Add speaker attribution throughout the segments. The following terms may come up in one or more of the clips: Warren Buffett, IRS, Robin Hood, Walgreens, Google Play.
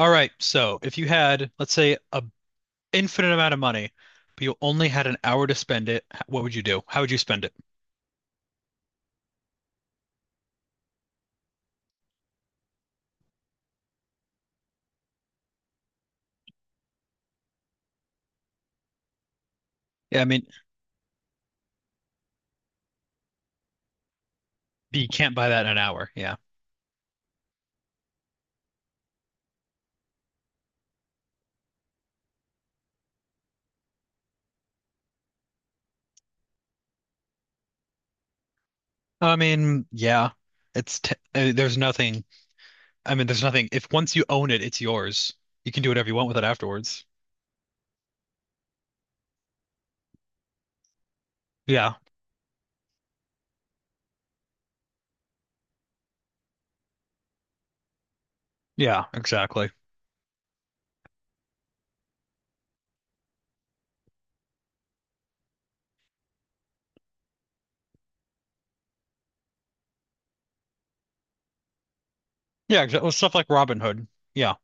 Speaker 1: All right, so if you had, let's say, a infinite amount of money, but you only had an hour to spend it, what would you do? How would you spend it? Yeah, I mean, you can't buy that in an hour. Yeah. I mean, yeah. It's t There's nothing. I mean, there's nothing. If once you own it, it's yours. You can do whatever you want with it afterwards. Yeah. Yeah, exactly. Yeah, exactly. Stuff like Robin Hood. Yeah.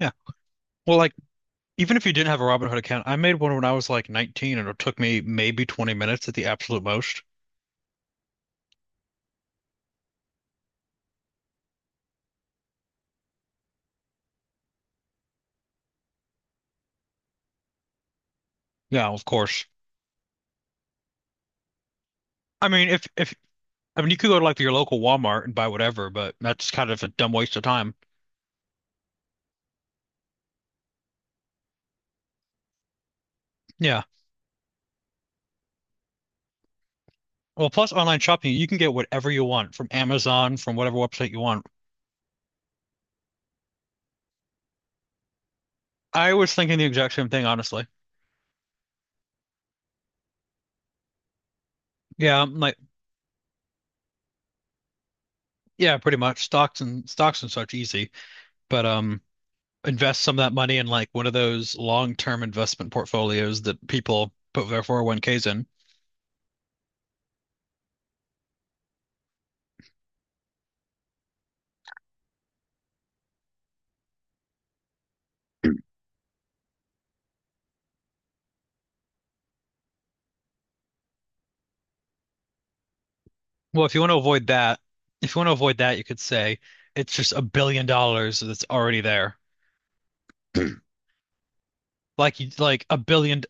Speaker 1: Yeah. Well, like even if you didn't have a Robin Hood account, I made one when I was like 19, and it took me maybe 20 minutes at the absolute most. Yeah, of course. I mean, if I mean, you could go to like your local Walmart and buy whatever, but that's kind of a dumb waste of time. Yeah. Well, plus online shopping, you can get whatever you want from Amazon, from whatever website you want. I was thinking the exact same thing, honestly. Yeah, I'm like yeah, pretty much stocks and stocks and such easy, but invest some of that money in like one of those long-term investment portfolios that people put their 401(k)s in. Well, if you want to avoid that, if you want to avoid that, you could say it's just $1 billion that's already there. Like you- like a billion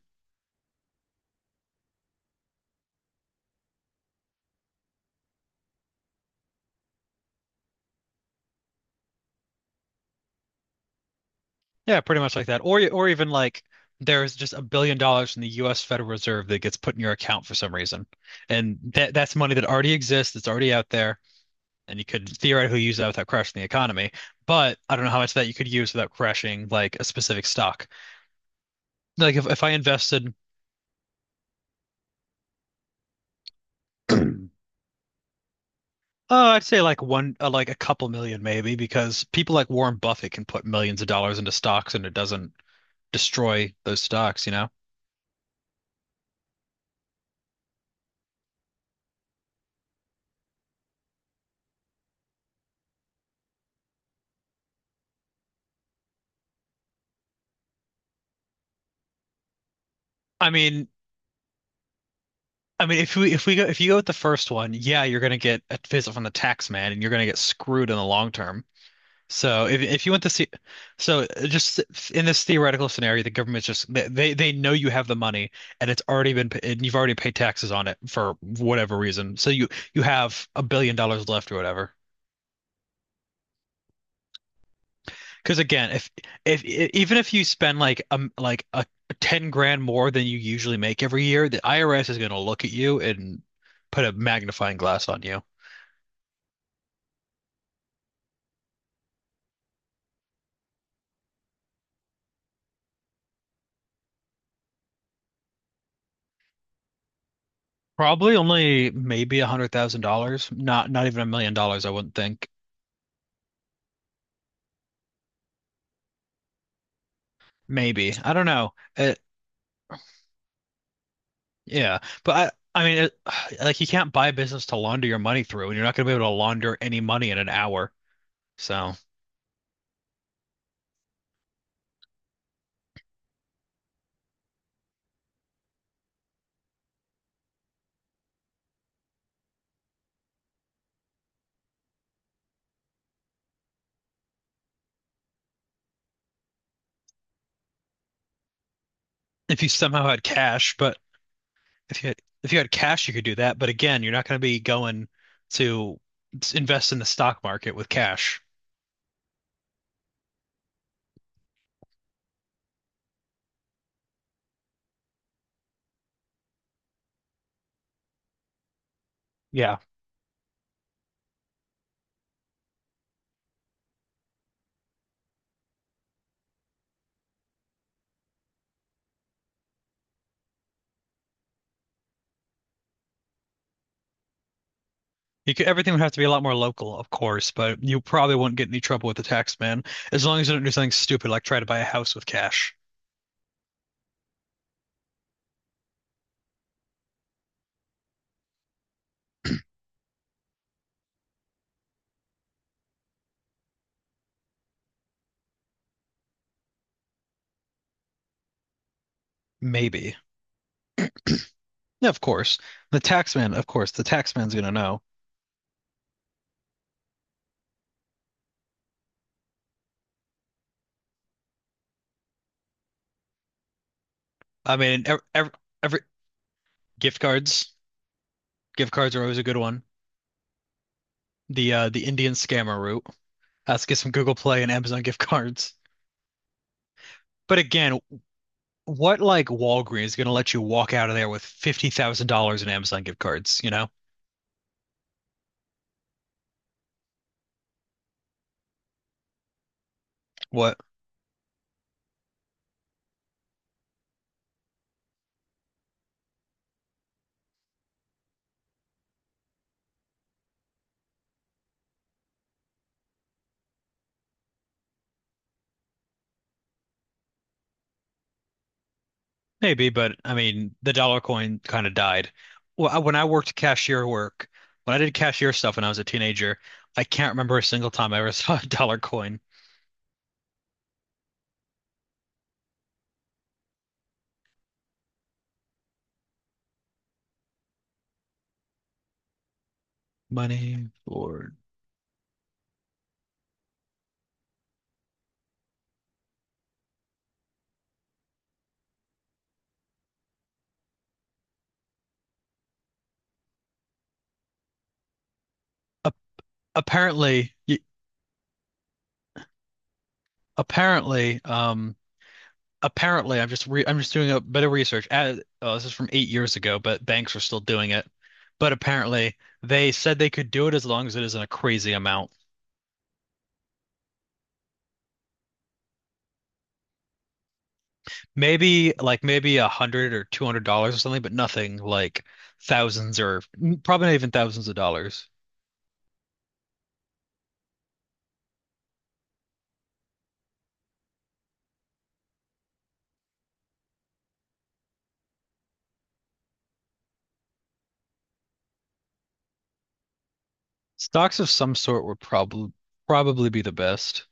Speaker 1: Yeah, pretty much like that. Or even like there's just $1 billion in the US Federal Reserve that gets put in your account for some reason. And that's money that already exists, that's already out there, and you could theoretically use that without crashing the economy. But I don't know how much of that you could use without crashing like a specific stock. Like if I invested Oh, I'd say like a couple million maybe, because people like Warren Buffett can put millions of dollars into stocks, and it doesn't destroy those stocks, you know? I mean, I mean, if you go with the first one, yeah, you're gonna get a visit from the tax man, and you're gonna get screwed in the long term. So if you want to see, so just in this theoretical scenario, the government's just they know you have the money, and it's already been pa- and you've already paid taxes on it for whatever reason. So you have $1 billion left or whatever. Because again, if I- even if you spend like a 10 grand more than you usually make every year, the IRS is going to look at you and put a magnifying glass on you. Probably only maybe $100,000, not even $1 million, I wouldn't think. Maybe. I don't know. Yeah, but I, I mean, it, like you can't buy a business to launder your money through, and you're not going to be able to launder any money in an hour. So if you somehow had cash, but if you had cash, you could do that. But again, you're not going to be going to invest in the stock market with cash. Yeah, you could, everything would have to be a lot more local, of course, but you probably wouldn't get any trouble with the tax man as long as you don't do something stupid like try to buy a house with cash. Maybe. Yeah, of course. The tax man, of course, the tax man's going to know. I mean, ev every, Gift cards. Gift cards are always a good one. The Indian scammer route. Let's get some Google Play and Amazon gift cards. But again, what, like Walgreens is gonna let you walk out of there with $50,000 in Amazon gift cards, you know? What? Maybe, but I mean, the dollar coin kind of died. Well, I- when I worked cashier work, when I did cashier stuff when I was a teenager, I can't remember a single time I ever saw a dollar coin. Money Lord. For apparently, y- apparently, Apparently, I'm just doing a bit of research. Oh, this is from 8 years ago, but banks are still doing it. But apparently, they said they could do it as long as it isn't a crazy amount. Maybe like maybe $100 or $200 or something, but nothing like thousands probably not even thousands of dollars. Stocks of some sort would probably be the best.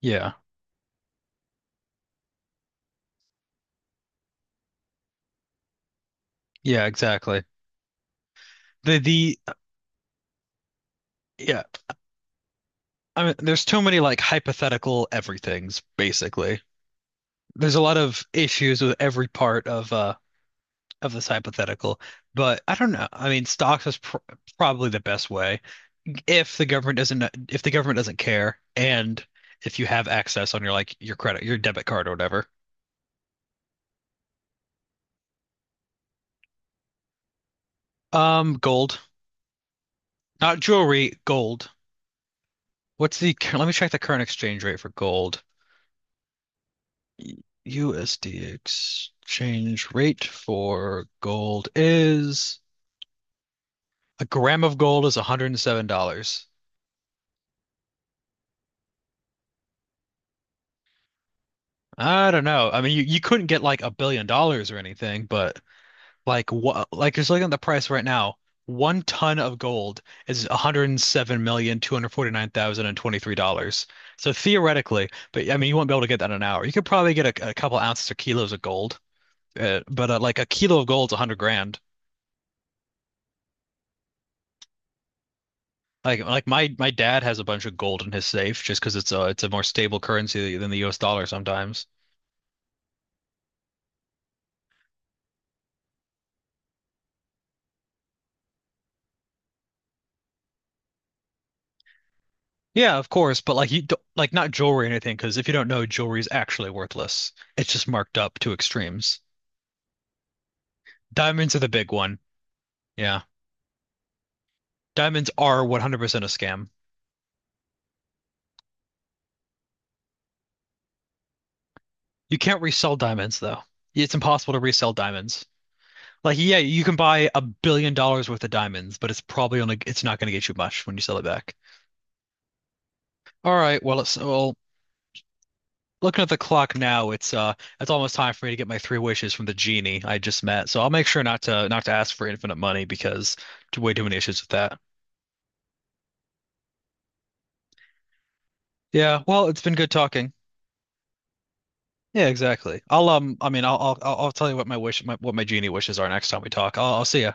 Speaker 1: Yeah, yeah, exactly. The yeah, I mean, there's too many like hypothetical everythings basically. There's a lot of issues with every part of this hypothetical, but I don't know. I mean, stocks is pr probably the best way if the government doesn't, if the government doesn't care, and if you have access on your credit, your debit card or whatever. Gold, not jewelry, gold. Let me check the current exchange rate for gold. USD exchange rate for gold is, a gram of gold is $107. I don't know. I mean, you couldn't get like $1 billion or anything, but like what? Like just looking at the price right now, one ton of gold is $107,249,023. So theoretically, but I mean, you won't be able to get that in an hour. You could probably get a couple ounces or kilos of gold, but like a kilo of gold's 100 grand. My dad has a bunch of gold in his safe just because it's a more stable currency than the U.S. dollar sometimes. Yeah, of course, but like you don't, like not jewelry or anything because if you don't know, jewelry is actually worthless. It's just marked up to extremes. Diamonds are the big one. Yeah. Diamonds are 100% a scam. You can't resell diamonds, though. It's impossible to resell diamonds. Like, yeah, you can buy $1 billion worth of diamonds, but it's probably only, it's not going to get you much when you sell it back. All right, well, it's well, Looking at the clock now, it's almost time for me to get my three wishes from the genie I just met. So I'll make sure not to ask for infinite money because too- way too many issues with that. Yeah, well, it's been good talking. Yeah, exactly. I'll tell you what what my genie wishes are next time we talk. I'll see ya.